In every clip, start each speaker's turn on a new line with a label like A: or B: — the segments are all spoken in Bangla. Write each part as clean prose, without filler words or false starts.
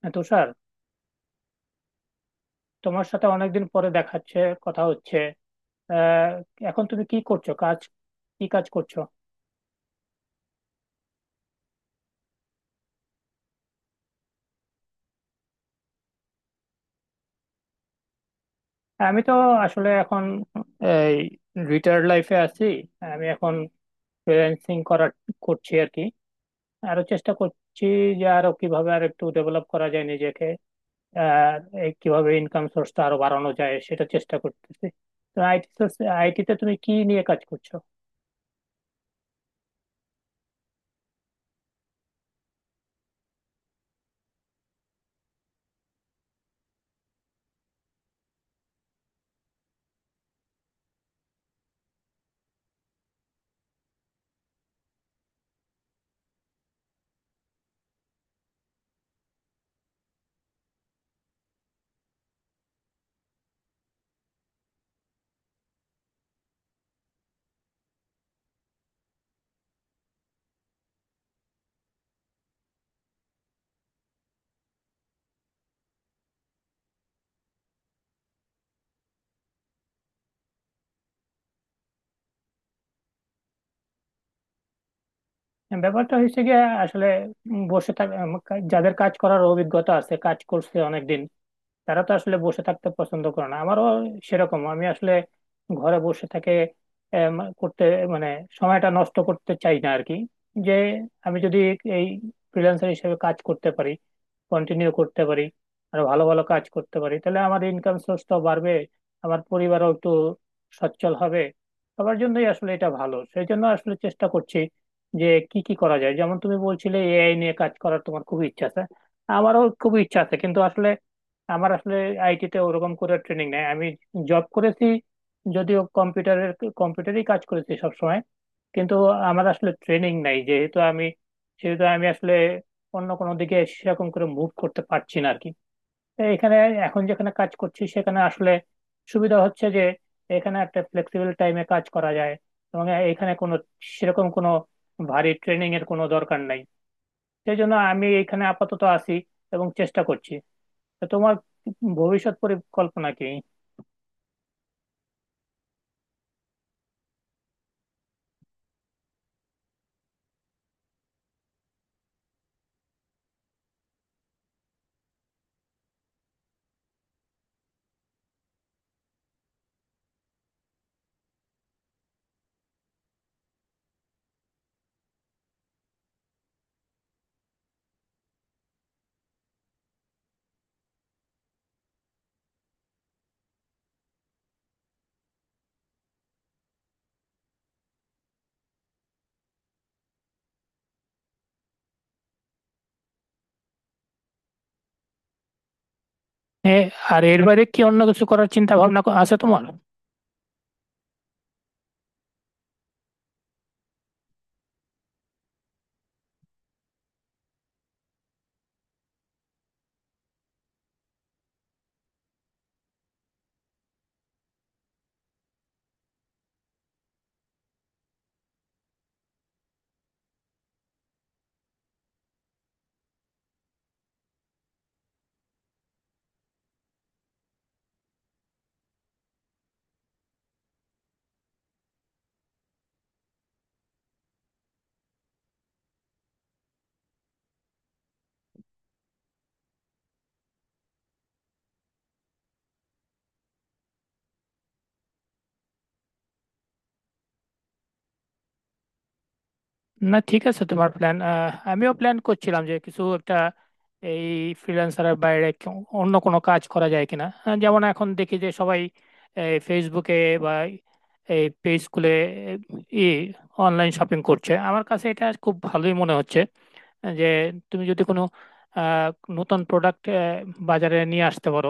A: হ্যাঁ, তুষার, তোমার সাথে অনেকদিন পরে দেখাচ্ছে, কথা হচ্ছে। আহ, এখন তুমি কি করছো কাজ? কি কাজ করছো? আমি তো আসলে এখন এই রিটায়ার্ড লাইফে আছি। আমি এখন ফ্রিল্যান্সিং করছি আর কি। আরো চেষ্টা করছি, যে আরো কিভাবে আর একটু ডেভেলপ করা যায় নিজেকে, আর এই কিভাবে ইনকাম সোর্সটা আরো বাড়ানো যায় সেটা চেষ্টা করতেছি। তো আইটিতে তুমি কি নিয়ে কাজ করছো? ব্যাপারটা হয়েছে গিয়ে আসলে, বসে থাকা, যাদের কাজ করার অভিজ্ঞতা আছে, কাজ করছে অনেকদিন, তারা তো আসলে বসে থাকতে পছন্দ করে না। আমারও সেরকম। আমি আসলে ঘরে বসে থেকে করতে মানে সময়টা নষ্ট করতে চাই না আর কি। যে আমি যদি এই ফ্রিল্যান্সার হিসেবে কাজ করতে পারি, কন্টিনিউ করতে পারি, আর ভালো ভালো কাজ করতে পারি, তাহলে আমার ইনকাম সোর্সটাও বাড়বে, আমার পরিবারও একটু সচ্ছল হবে। সবার জন্যই আসলে এটা ভালো, সেই জন্য আসলে চেষ্টা করছি যে কি কি করা যায়। যেমন তুমি বলছিলে এআই নিয়ে কাজ করার তোমার খুব ইচ্ছা আছে, আমারও খুব ইচ্ছা আছে। কিন্তু আসলে আমার আসলে আইটি তে ওরকম করে ট্রেনিং নেই। আমি জব করেছি যদিও, কম্পিউটারেই কাজ করেছি সব সময়। কিন্তু আমার আসলে ট্রেনিং নাই, যেহেতু আমি, সেহেতু আমি আসলে অন্য কোনো দিকে সেরকম করে মুভ করতে পারছি না আর কি। তো এখানে, এখন যেখানে কাজ করছি সেখানে আসলে সুবিধা হচ্ছে যে এখানে একটা ফ্লেক্সিবল টাইমে কাজ করা যায়, এবং এখানে কোনো সেরকম কোনো ভারী ট্রেনিং এর কোনো দরকার নাই। সেই জন্য আমি এখানে আপাতত আছি এবং চেষ্টা করছি। তা তোমার ভবিষ্যৎ পরিকল্পনা কি? এ, আর এর বাইরে কি অন্য কিছু করার চিন্তা ভাবনা আছে তোমার? না ঠিক আছে তোমার প্ল্যান। আমিও প্ল্যান করছিলাম যে কিছু একটা, এই ফ্রিল্যান্সারের বাইরে অন্য কোনো কাজ করা যায় কিনা। যেমন এখন দেখি যে সবাই এই ফেসবুকে বা এই পেজ খুলে ই অনলাইন শপিং করছে। আমার কাছে এটা খুব ভালোই মনে হচ্ছে, যে তুমি যদি কোনো আহ, নতুন প্রোডাক্ট বাজারে নিয়ে আসতে পারো,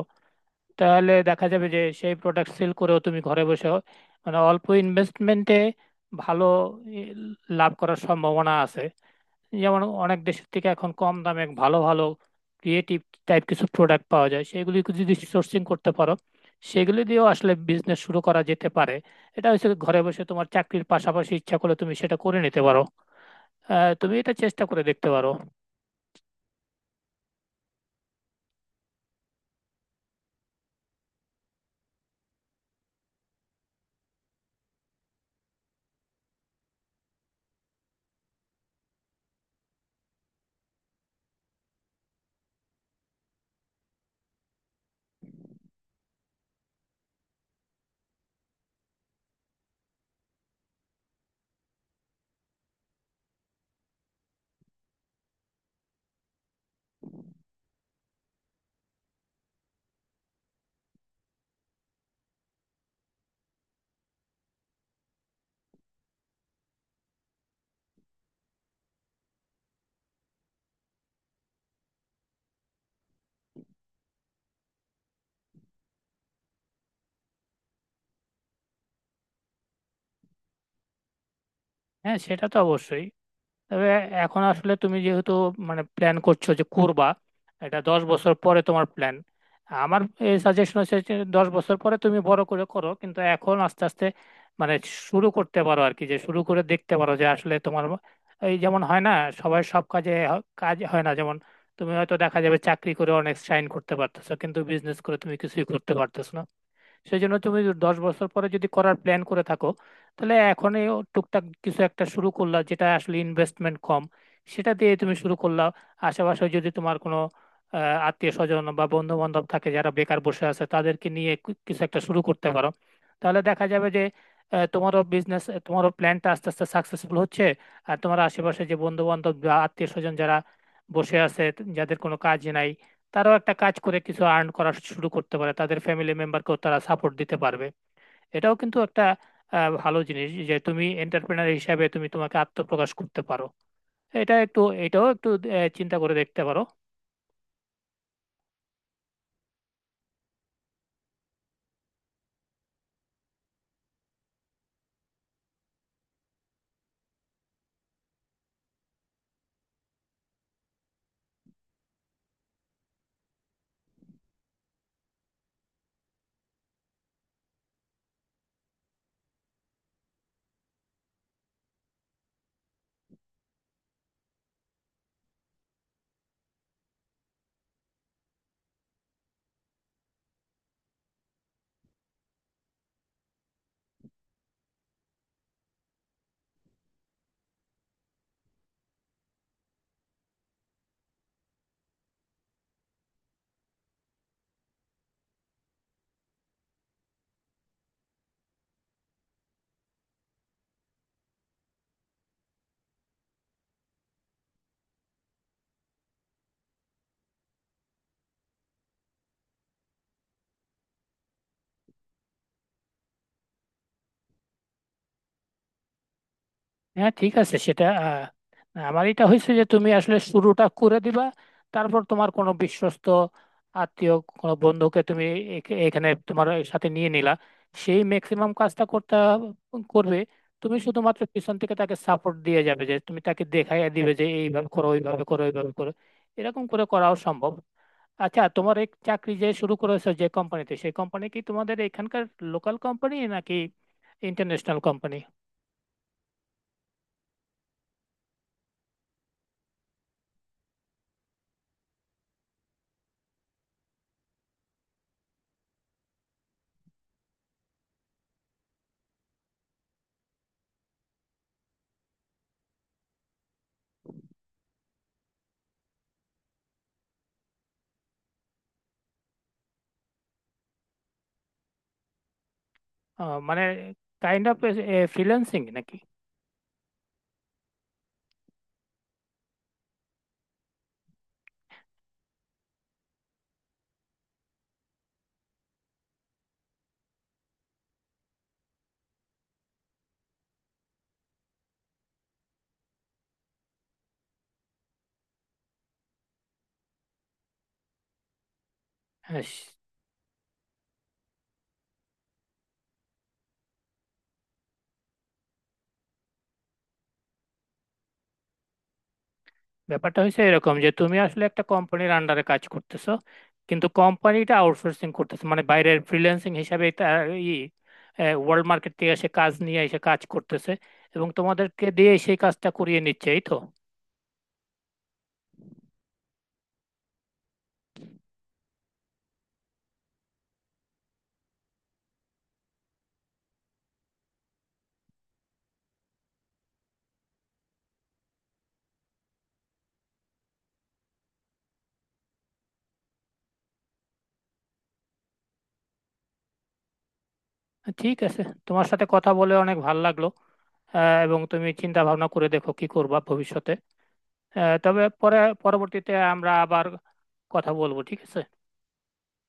A: তাহলে দেখা যাবে যে সেই প্রোডাক্ট সেল করেও তুমি ঘরে বসে, মানে অল্প ইনভেস্টমেন্টে ভালো ই, লাভ করার সম্ভাবনা আছে। যেমন অনেক দেশের থেকে এখন কম দামে ভালো ভালো ক্রিয়েটিভ টাইপ কিছু প্রোডাক্ট পাওয়া যায়, সেগুলি যদি সোর্সিং করতে পারো, সেগুলি দিয়েও আসলে বিজনেস শুরু করা যেতে পারে। এটা হচ্ছে ঘরে বসে তোমার চাকরির পাশাপাশি ইচ্ছা করলে তুমি সেটা করে নিতে পারো। তুমি এটা চেষ্টা করে দেখতে পারো। হ্যাঁ সেটা তো অবশ্যই। তবে এখন আসলে তুমি যেহেতু মানে প্ল্যান করছো যে করবা, এটা 10 বছর পরে তোমার প্ল্যান। আমার এই সাজেশন হচ্ছে যে 10 বছর পরে তুমি বড় করে করো, কিন্তু এখন আস্তে আস্তে মানে শুরু করতে পারো আর কি। যে শুরু করে দেখতে পারো যে আসলে তোমার, এই যেমন হয় না, সবাই সব কাজে কাজ হয় না। যেমন তুমি হয়তো দেখা যাবে চাকরি করে অনেক সাইন করতে পারতেছো, কিন্তু বিজনেস করে তুমি কিছুই করতে পারতেছো না। সেই জন্য তুমি 10 বছর পরে যদি করার প্ল্যান করে থাকো, তাহলে এখনই ও টুকটাক কিছু একটা শুরু করলা, যেটা আসলে ইনভেস্টমেন্ট কম, সেটা দিয়ে তুমি শুরু করলা। আশেপাশে যদি তোমার কোনো আত্মীয় স্বজন বা বন্ধু বান্ধব থাকে যারা বেকার বসে আছে, তাদেরকে নিয়ে কিছু একটা শুরু করতে পারো। তাহলে দেখা যাবে যে তোমারও প্ল্যানটা আস্তে আস্তে সাকসেসফুল হচ্ছে। আর তোমার আশেপাশে যে বন্ধু বান্ধব বা আত্মীয় স্বজন যারা বসে আছে, যাদের কোনো কাজ নাই, তারাও একটা কাজ করে কিছু আর্ন করা শুরু করতে পারে, তাদের ফ্যামিলি মেম্বারকেও তারা সাপোর্ট দিতে পারবে। এটাও কিন্তু একটা ভালো জিনিস যে তুমি এন্টারপ্রেনার হিসাবে তুমি তোমাকে আত্মপ্রকাশ করতে পারো। এটাও একটু চিন্তা করে দেখতে পারো। হ্যাঁ ঠিক আছে সেটা। আমার এটা হয়েছে যে তুমি আসলে শুরুটা করে দিবা। তারপর তোমার কোনো বিশ্বস্ত আত্মীয়, কোনো বন্ধুকে তুমি এখানে তোমার সাথে নিয়ে নিলা। সেই ম্যাক্সিমাম কাজটা করবে। তুমি শুধুমাত্র পিছন থেকে তাকে সাপোর্ট দিয়ে যাবে, যে তুমি তাকে দেখাইয়া দিবে যে এইভাবে করো, ওইভাবে করো, ওইভাবে করো। এরকম করে করাও সম্ভব। আচ্ছা তোমার এই চাকরি যে শুরু করেছো যে কোম্পানিতে, সেই কোম্পানি কি তোমাদের এখানকার লোকাল কোম্পানি, নাকি ইন্টারন্যাশনাল কোম্পানি? মানে কাইন্ড অফ ফ্রিল্যান্সিং নাকি? হ্যাঁ, ব্যাপারটা হয়েছে এরকম যে তুমি আসলে একটা কোম্পানির আন্ডারে কাজ করতেছো, কিন্তু কোম্পানিটা আউটসোর্সিং করতেছো, মানে বাইরের ফ্রিল্যান্সিং হিসাবে তার ই ওয়ার্ল্ড মার্কেট থেকে এসে কাজ নিয়ে এসে কাজ করতেছে, এবং তোমাদেরকে দিয়ে সেই কাজটা করিয়ে নিচ্ছে এই তো। ঠিক আছে, তোমার সাথে কথা বলে অনেক ভালো লাগলো। এবং তুমি চিন্তা ভাবনা করে দেখো কি করবা ভবিষ্যতে। তবে পরবর্তীতে আমরা আবার কথা বলবো, ঠিক আছে।